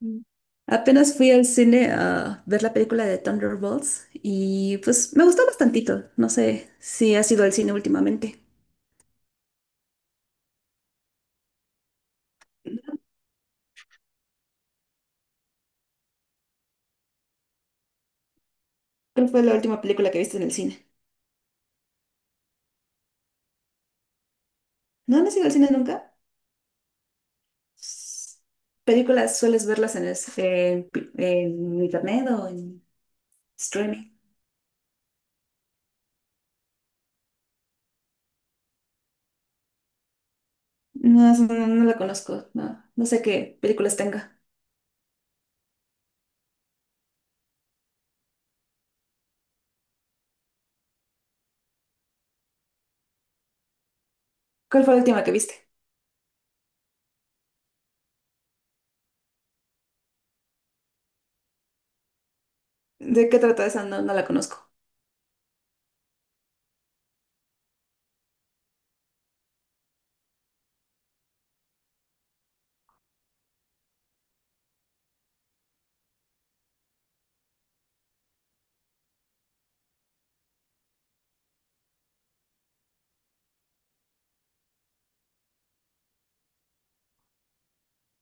Mm. Apenas fui al cine a ver la película de Thunderbolts y pues me gustó bastantito. No sé si has ido al cine últimamente. ¿Cuál fue la última película que viste en el cine? ¿No, no has ido al cine nunca? S- ¿Películas sueles verlas en, en internet o en streaming? No, no la conozco. No, no sé qué películas tenga. ¿Cuál fue la última que viste? ¿De qué trata esa? No, no la conozco.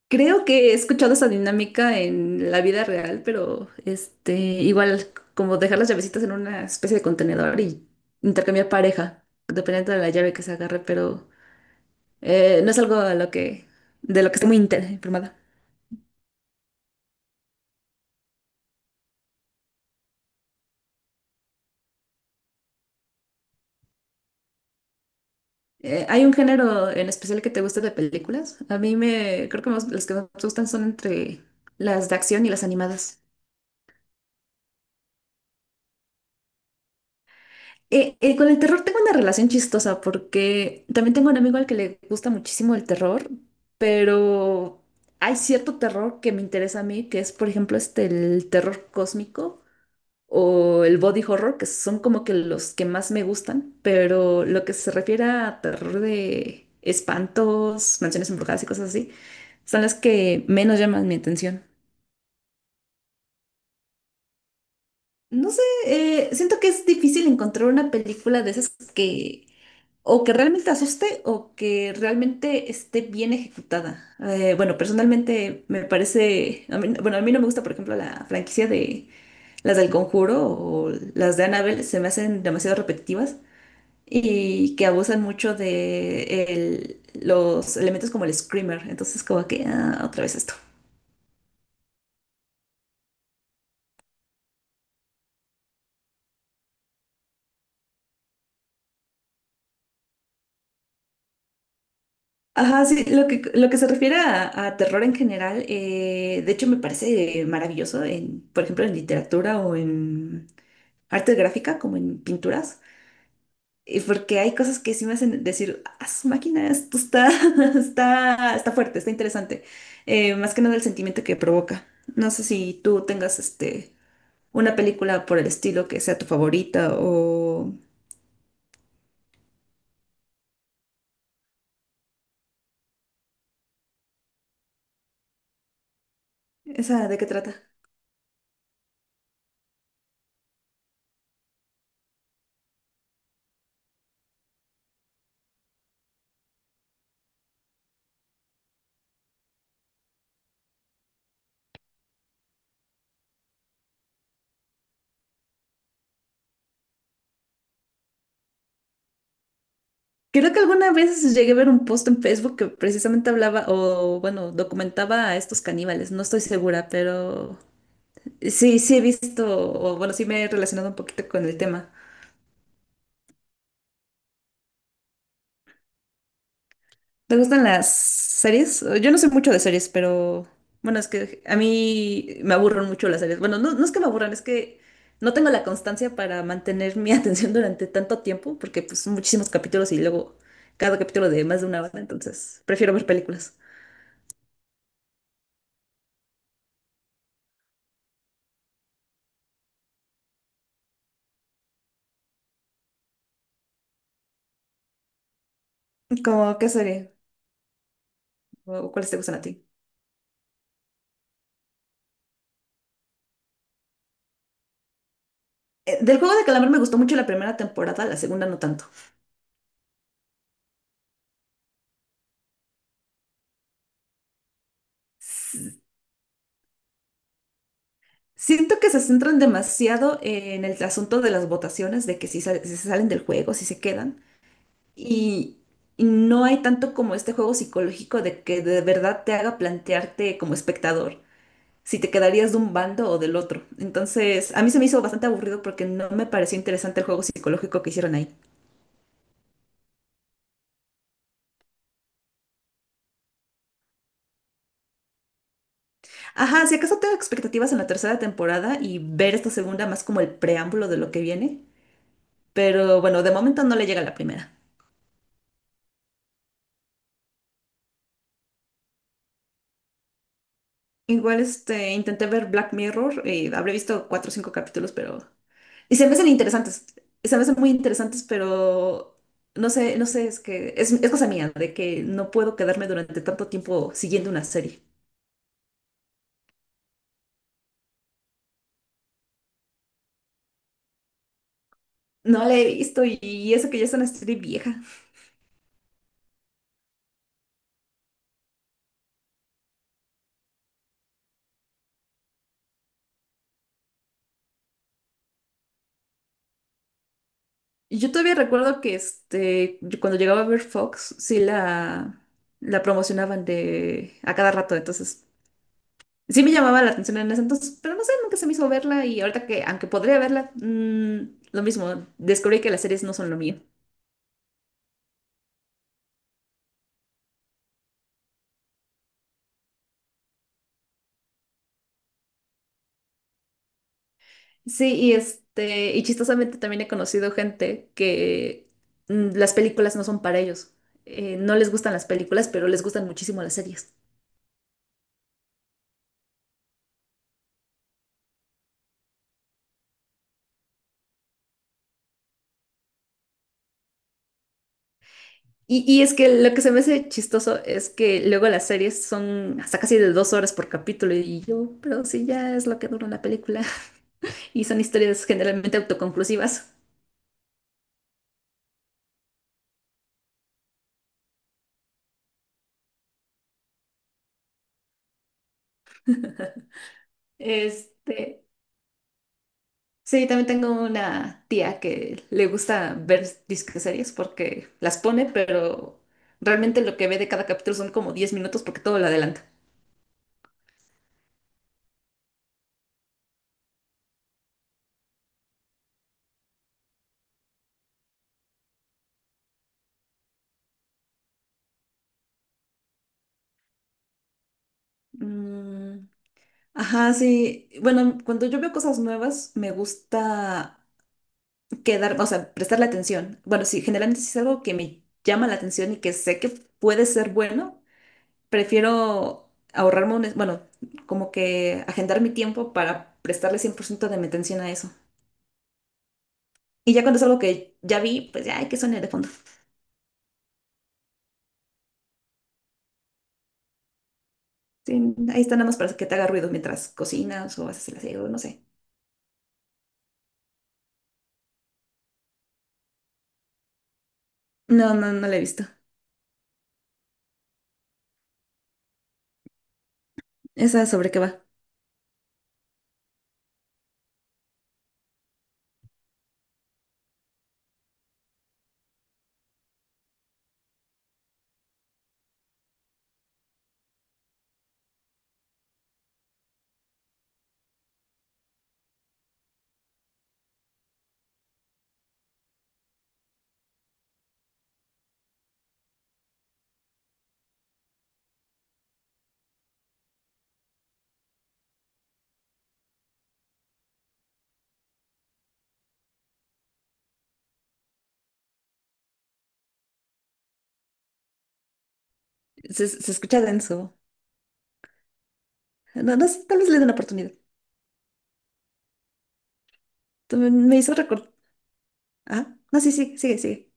Creo que he escuchado esa dinámica en la vida real, pero igual como dejar las llavecitas en una especie de contenedor y intercambiar pareja, dependiendo de la llave que se agarre, pero no es algo a lo de lo que estoy muy informada. ¿Hay un género en especial que te guste de películas? Creo que las que más me gustan son entre las de acción y las animadas. Con el terror tengo una relación chistosa porque también tengo un amigo al que le gusta muchísimo el terror, pero hay cierto terror que me interesa a mí, que es por ejemplo el terror cósmico o el body horror, que son como que los que más me gustan, pero lo que se refiere a terror de espantos, mansiones embrujadas y cosas así, son las que menos llaman mi atención. No sé, siento que es difícil encontrar una película de esas que o que realmente asuste o que realmente esté bien ejecutada. Bueno, personalmente me parece, bueno, a mí no me gusta, por ejemplo, la franquicia de las del Conjuro o las de Annabelle, se me hacen demasiado repetitivas y que abusan mucho de los elementos como el screamer. Entonces, como que, ah, otra vez esto. Ajá, sí, lo que se refiere a terror en general, de hecho me parece maravilloso, por ejemplo, en literatura o en arte gráfica, como en pinturas, porque hay cosas que sí me hacen decir, ah, su máquina, esto está, está fuerte, está interesante. Más que nada el sentimiento que provoca. No sé si tú tengas una película por el estilo que sea tu favorita o esa, ¿de qué trata? Creo que alguna vez llegué a ver un post en Facebook que precisamente hablaba o, bueno, documentaba a estos caníbales. No estoy segura, pero sí, sí he visto, o bueno, sí me he relacionado un poquito con el tema. ¿Te gustan las series? Yo no sé mucho de series, pero bueno, es que a mí me aburren mucho las series. Bueno, no, no es que me aburran, es que no tengo la constancia para mantener mi atención durante tanto tiempo, porque pues son muchísimos capítulos y luego cada capítulo de más de una hora, entonces prefiero ver películas. ¿Cómo qué serie? ¿O cuáles te gustan a ti? Del juego de calamar me gustó mucho la primera temporada, la segunda no tanto. S- Siento que se centran demasiado en el asunto de las votaciones, de que si se salen del juego, si se quedan. Y, y no hay tanto como este juego psicológico de que de verdad te haga plantearte como espectador si te quedarías de un bando o del otro. Entonces, a mí se me hizo bastante aburrido porque no me pareció interesante el juego psicológico que hicieron ahí. Ajá, si acaso tengo expectativas en la tercera temporada y ver esta segunda más como el preámbulo de lo que viene, pero bueno, de momento no le llega a la primera. Igual intenté ver Black Mirror, y habré visto cuatro o cinco capítulos, pero... Y se me hacen interesantes, se me hacen muy interesantes, pero no sé, no sé, es que es cosa mía, de que no puedo quedarme durante tanto tiempo siguiendo una serie. No la he visto y eso que ya es una serie vieja. Yo todavía recuerdo que yo cuando llegaba a ver Fox, sí la promocionaban de a cada rato, entonces sí me llamaba la atención en ese entonces, pero no sé, nunca se me hizo verla y ahorita que, aunque podría verla, lo mismo, descubrí que las series no son lo mío. Sí, y chistosamente también he conocido gente que las películas no son para ellos. No les gustan las películas, pero les gustan muchísimo las series. Y es que lo que se me hace chistoso es que luego las series son hasta casi de 2 horas por capítulo y yo, pero sí, ya es lo que dura la película y son historias generalmente autoconclusivas. Este, sí, también tengo una tía que le gusta ver disque series porque las pone, pero realmente lo que ve de cada capítulo son como 10 minutos porque todo lo adelanta. Mm, ajá, sí. Bueno, cuando yo veo cosas nuevas, me gusta quedar, o sea, prestarle atención. Bueno, si generalmente si es algo que me llama la atención y que sé que puede ser bueno, prefiero ahorrarme bueno, como que agendar mi tiempo para prestarle 100% de mi atención a eso. Y ya cuando es algo que ya vi, pues ya hay que sonar de fondo. Sí, ahí está nada más para que te haga ruido mientras cocinas o haces el aseo, no sé. No, no, no la he visto. ¿Esa sobre qué va? Se escucha denso. No, no sé, tal vez le dé una oportunidad. Tú Me me hizo recordar. Ah, no, sí, sí, sigue, sigue.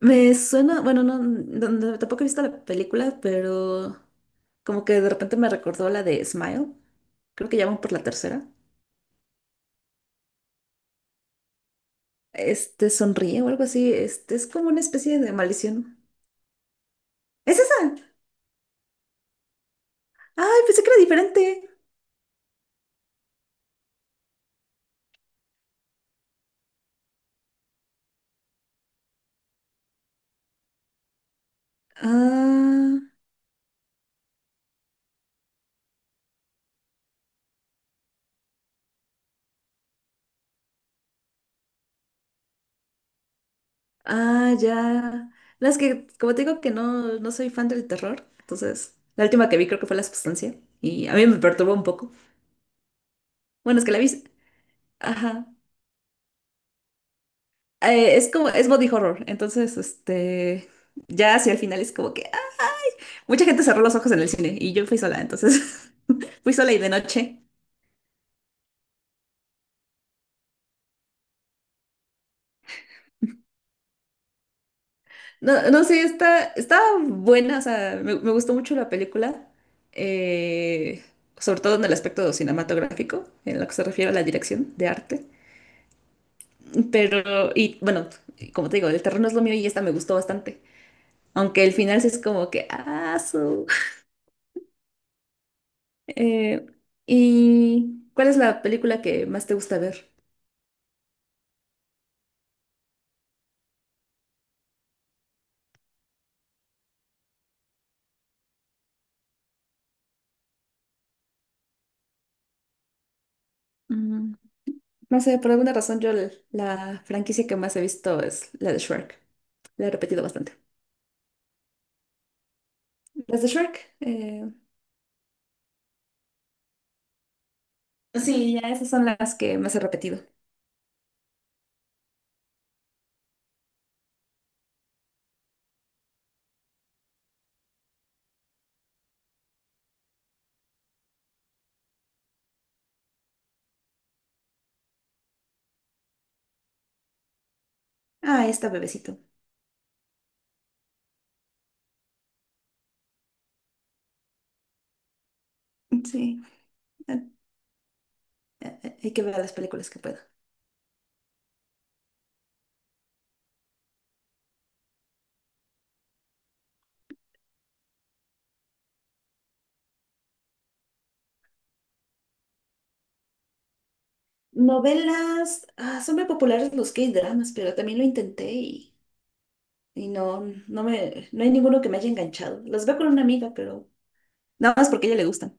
Me suena, bueno, no, no, tampoco he visto la película, pero como que de repente me recordó la de Smile, creo que llaman por la tercera. Este sonríe o algo así, este es como una especie de maldición. ¿Es esa? Ay, pensé que era diferente. Ah, ah, ya. No, es que, como te digo que no, no soy fan del terror, entonces la última que vi creo que fue La Sustancia y a mí me perturbó un poco. Bueno, es que la vi, ajá, es como, es body horror, entonces, ya hacia el final es como que ah, mucha gente cerró los ojos en el cine y yo fui sola, entonces fui sola y de noche. No, no sé, está buena, o sea, me gustó mucho la película, eh, sobre todo en el aspecto cinematográfico, en lo que se refiere a la dirección de arte, pero, y bueno, como te digo, el terreno es lo mío y esta me gustó bastante, aunque el final sí es como que. Eh, ¿Y cuál es la película que más te gusta ver? Mm, No sé, por alguna razón yo la franquicia que más he visto es la de Shrek. La he repetido bastante. Las de Shrek, sí, ya esas son las que más he repetido. Ah, ahí está bebecito. Sí, eh, hay que ver las películas que puedo. Novelas, ah, son muy populares los K-dramas, pero también lo intenté y no, no hay ninguno que me haya enganchado. Los veo con una amiga, pero nada más porque a ella le gustan.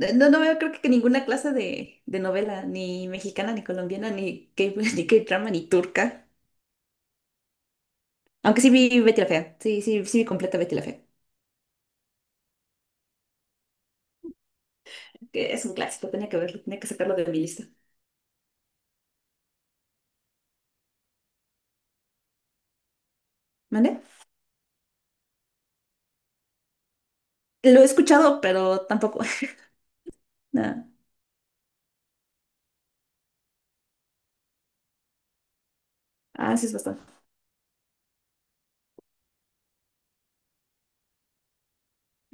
No, no veo creo que ninguna clase de novela, ni mexicana, ni colombiana, ni K, ni K-drama, ni turca. Aunque sí vi Betty la Fea. Sí, sí, sí vi completa Betty la Fea. Que es un clásico, tenía que verlo, tenía que sacarlo de mi lista. ¿Vale? Lo he escuchado, pero tampoco. No. Ah, sí es bastante.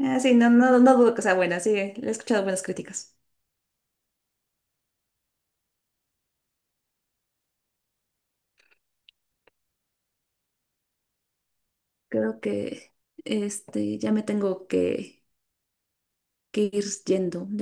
Ah, sí, no, no, no dudo que sea buena, sí, le he escuchado buenas críticas. Creo que ya me tengo que ir yendo.